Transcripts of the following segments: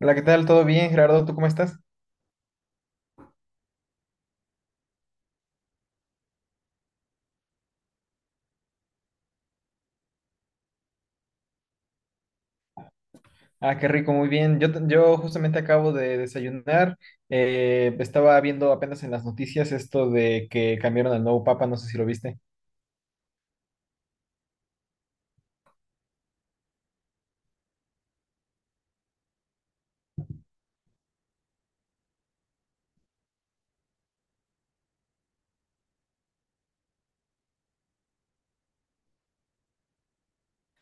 Hola, ¿qué tal? ¿Todo bien, Gerardo? ¿Tú cómo estás? Ah, qué rico, muy bien. Yo justamente acabo de desayunar. Estaba viendo apenas en las noticias esto de que cambiaron al nuevo papa, no sé si lo viste.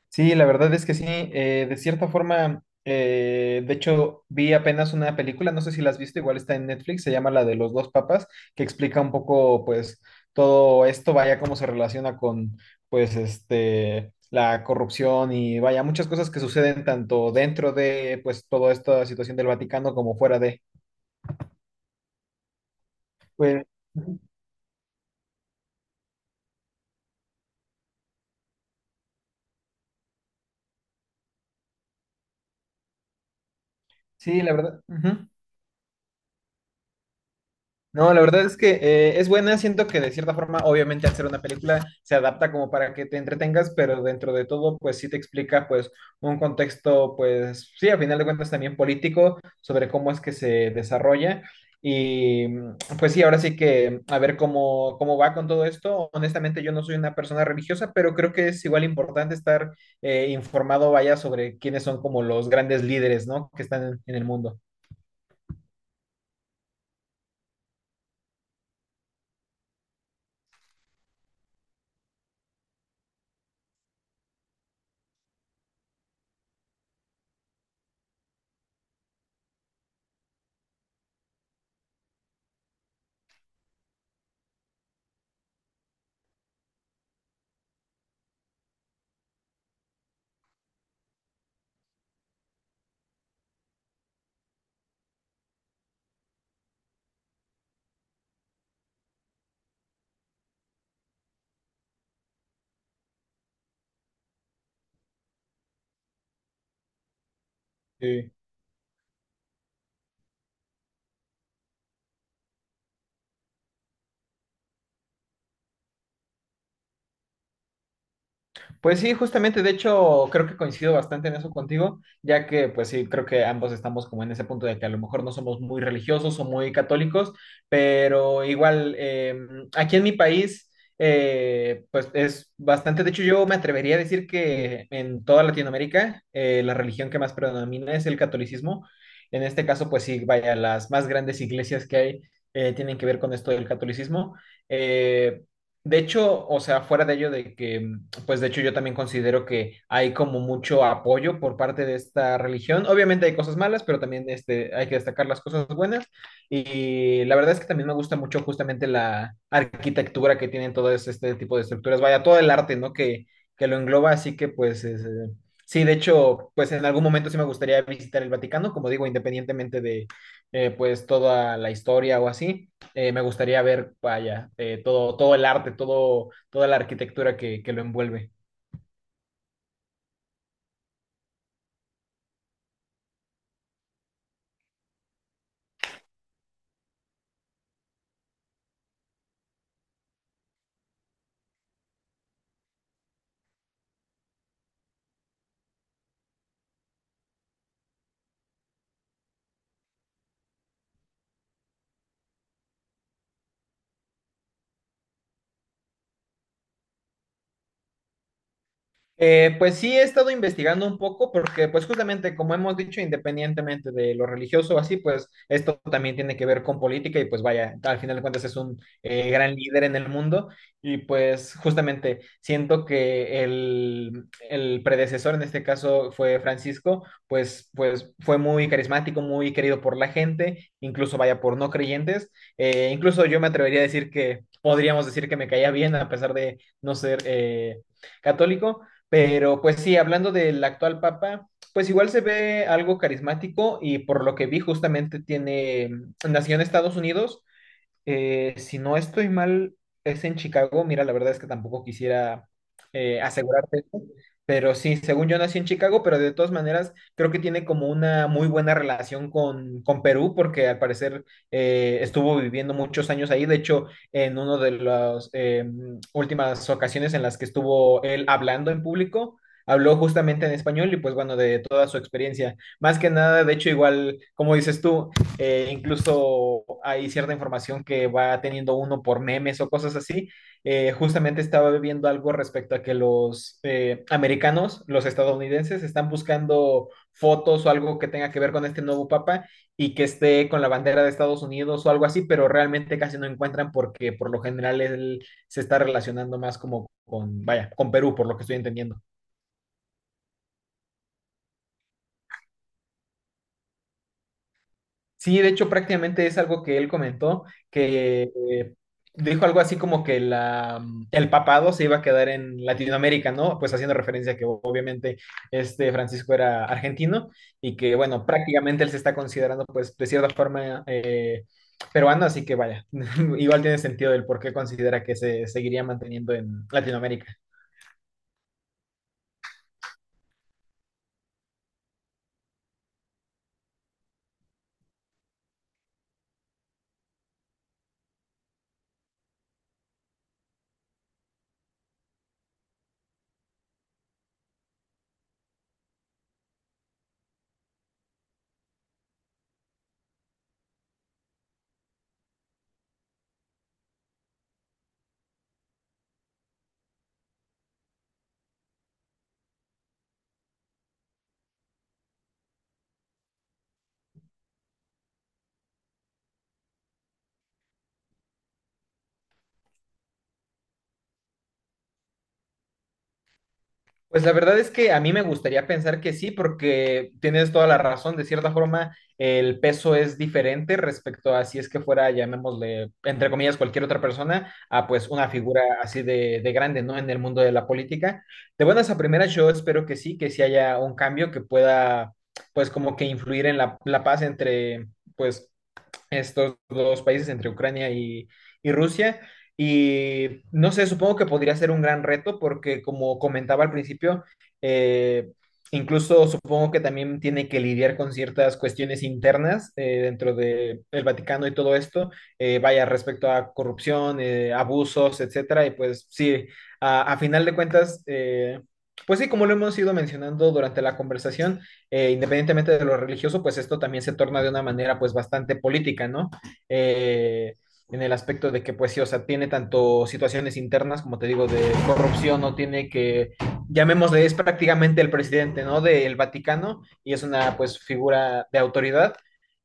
Sí, la verdad es que sí, de cierta forma, de hecho, vi apenas una película, no sé si la has visto, igual está en Netflix, se llama la de los dos papas, que explica un poco, pues, todo esto, vaya, cómo se relaciona con, pues, este, la corrupción y vaya, muchas cosas que suceden tanto dentro de, pues, toda esta situación del Vaticano como fuera de. Pues, ujú, sí, la verdad. Ujú. No, la verdad es que es buena, siento que de cierta forma, obviamente al ser una película, se adapta como para que te entretengas, pero dentro de todo, pues sí te explica pues un contexto, pues sí, a final de cuentas también político, sobre cómo es que se desarrolla. Y pues sí, ahora sí que a ver cómo, cómo va con todo esto. Honestamente, yo no soy una persona religiosa, pero creo que es igual importante estar informado, vaya, sobre quiénes son como los grandes líderes, ¿no? Que están en el mundo. Sí. Pues sí, justamente, de hecho, creo que coincido bastante en eso contigo, ya que pues sí, creo que ambos estamos como en ese punto de que a lo mejor no somos muy religiosos o muy católicos, pero igual, aquí en mi país, pues es bastante, de hecho yo me atrevería a decir que en toda Latinoamérica, la religión que más predomina es el catolicismo. En este caso, pues sí, vaya, las más grandes iglesias que hay tienen que ver con esto del catolicismo. Eh, de hecho, o sea, fuera de ello de que pues de hecho yo también considero que hay como mucho apoyo por parte de esta religión. Obviamente hay cosas malas, pero también este, hay que destacar las cosas buenas. Y la verdad es que también me gusta mucho justamente la arquitectura que tienen todo este tipo de estructuras, vaya, todo el arte, ¿no? Que lo engloba, así que pues... Es, sí, de hecho, pues en algún momento sí me gustaría visitar el Vaticano, como digo, independientemente de pues toda la historia o así me gustaría ver, vaya, todo, todo el arte, todo, toda la arquitectura que lo envuelve. Pues sí, he estado investigando un poco porque, pues justamente, como hemos dicho, independientemente de lo religioso o así, pues esto también tiene que ver con política y pues vaya, al final de cuentas es un gran líder en el mundo y pues justamente siento que el predecesor, en este caso fue Francisco, pues, pues fue muy carismático, muy querido por la gente, incluso vaya por no creyentes. Incluso yo me atrevería a decir que podríamos decir que me caía bien a pesar de no ser... católico, pero pues sí, hablando del actual Papa, pues igual se ve algo carismático y por lo que vi justamente tiene, nació en Estados Unidos, si no estoy mal, es en Chicago. Mira, la verdad es que tampoco quisiera asegurarte esto, pero sí, según yo nací en Chicago, pero de todas maneras creo que tiene como una muy buena relación con Perú, porque al parecer estuvo viviendo muchos años ahí. De hecho, en una de las últimas ocasiones en las que estuvo él hablando en público. Habló justamente en español y pues bueno, de toda su experiencia. Más que nada, de hecho, igual, como dices tú, incluso hay cierta información que va teniendo uno por memes o cosas así. Justamente estaba viendo algo respecto a que los americanos, los estadounidenses, están buscando fotos o algo que tenga que ver con este nuevo papa y que esté con la bandera de Estados Unidos o algo así, pero realmente casi no encuentran porque por lo general él se está relacionando más como con, vaya, con Perú, por lo que estoy entendiendo. Sí, de hecho, prácticamente es algo que él comentó, que dijo algo así como que la, el papado se iba a quedar en Latinoamérica, ¿no? Pues haciendo referencia a que obviamente este Francisco era argentino y que, bueno, prácticamente él se está considerando, pues, de cierta forma peruano, así que vaya, igual tiene sentido el por qué considera que se seguiría manteniendo en Latinoamérica. Pues la verdad es que a mí me gustaría pensar que sí, porque tienes toda la razón. De cierta forma, el peso es diferente respecto a si es que fuera, llamémosle, entre comillas, cualquier otra persona, a pues una figura así de grande, ¿no? En el mundo de la política. De buenas a primeras, yo espero que sí haya un cambio que pueda, pues como que influir en la, la paz entre, pues, estos dos países entre Ucrania y Rusia. Y no sé, supongo que podría ser un gran reto porque como comentaba al principio, eh, incluso supongo que también tiene que lidiar con ciertas cuestiones internas dentro de el Vaticano y todo esto, vaya respecto a corrupción, abusos, etcétera. Y pues sí, a final de cuentas, pues sí, como lo hemos ido mencionando durante la conversación, independientemente de lo religioso, pues esto también se torna de una manera pues bastante política, ¿no? Eh, en el aspecto de que, pues sí, o sea, tiene tanto situaciones internas, como te digo, de corrupción, no tiene que, llamémosle, es prácticamente el presidente, ¿no? Del Vaticano y es una, pues, figura de autoridad.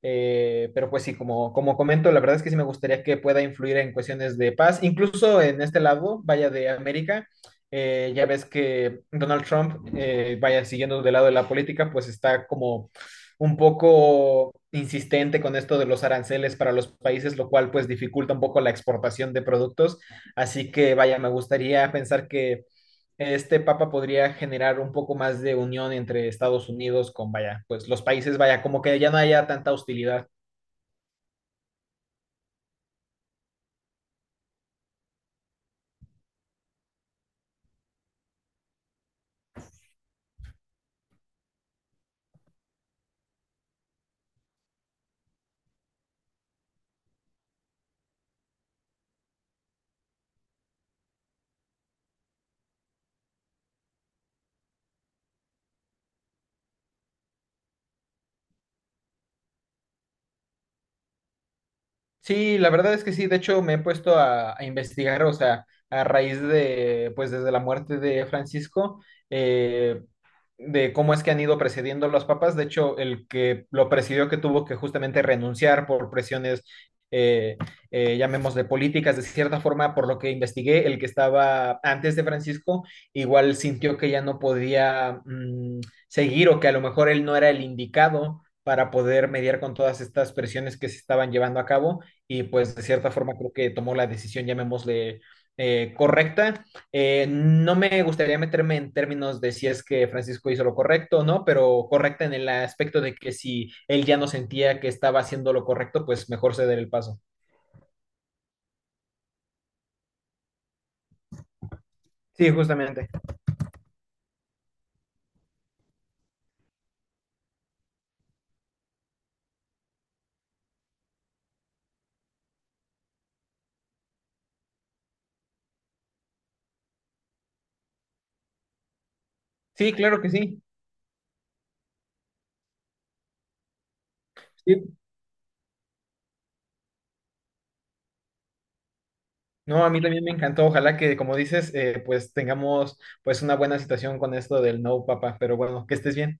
Pero pues sí, como, como comento, la verdad es que sí me gustaría que pueda influir en cuestiones de paz, incluso en este lado, vaya de América, ya ves que Donald Trump, vaya siguiendo del lado de la política, pues está como un poco insistente con esto de los aranceles para los países, lo cual pues dificulta un poco la exportación de productos. Así que vaya, me gustaría pensar que este papa podría generar un poco más de unión entre Estados Unidos con, vaya, pues los países, vaya, como que ya no haya tanta hostilidad. Sí, la verdad es que sí, de hecho me he puesto a investigar, o sea, a raíz de, pues desde la muerte de Francisco, eh, de cómo es que han ido precediendo los papas. De hecho, el que lo presidió, que tuvo que justamente renunciar por presiones, eh, llamemos de políticas, de cierta forma, por lo que investigué, el que estaba antes de Francisco, igual sintió que ya no podía seguir o que a lo mejor él no era el indicado para poder mediar con todas estas presiones que se estaban llevando a cabo y pues de cierta forma creo que tomó la decisión, llamémosle correcta. No me gustaría meterme en términos de si es que Francisco hizo lo correcto o no, pero correcta en el aspecto de que si él ya no sentía que estaba haciendo lo correcto, pues mejor ceder el paso. Sí, justamente. Sí, claro que sí. Sí. No, a mí también me encantó. Ojalá que, como dices, pues tengamos pues una buena situación con esto del no, papá. Pero bueno, que estés bien.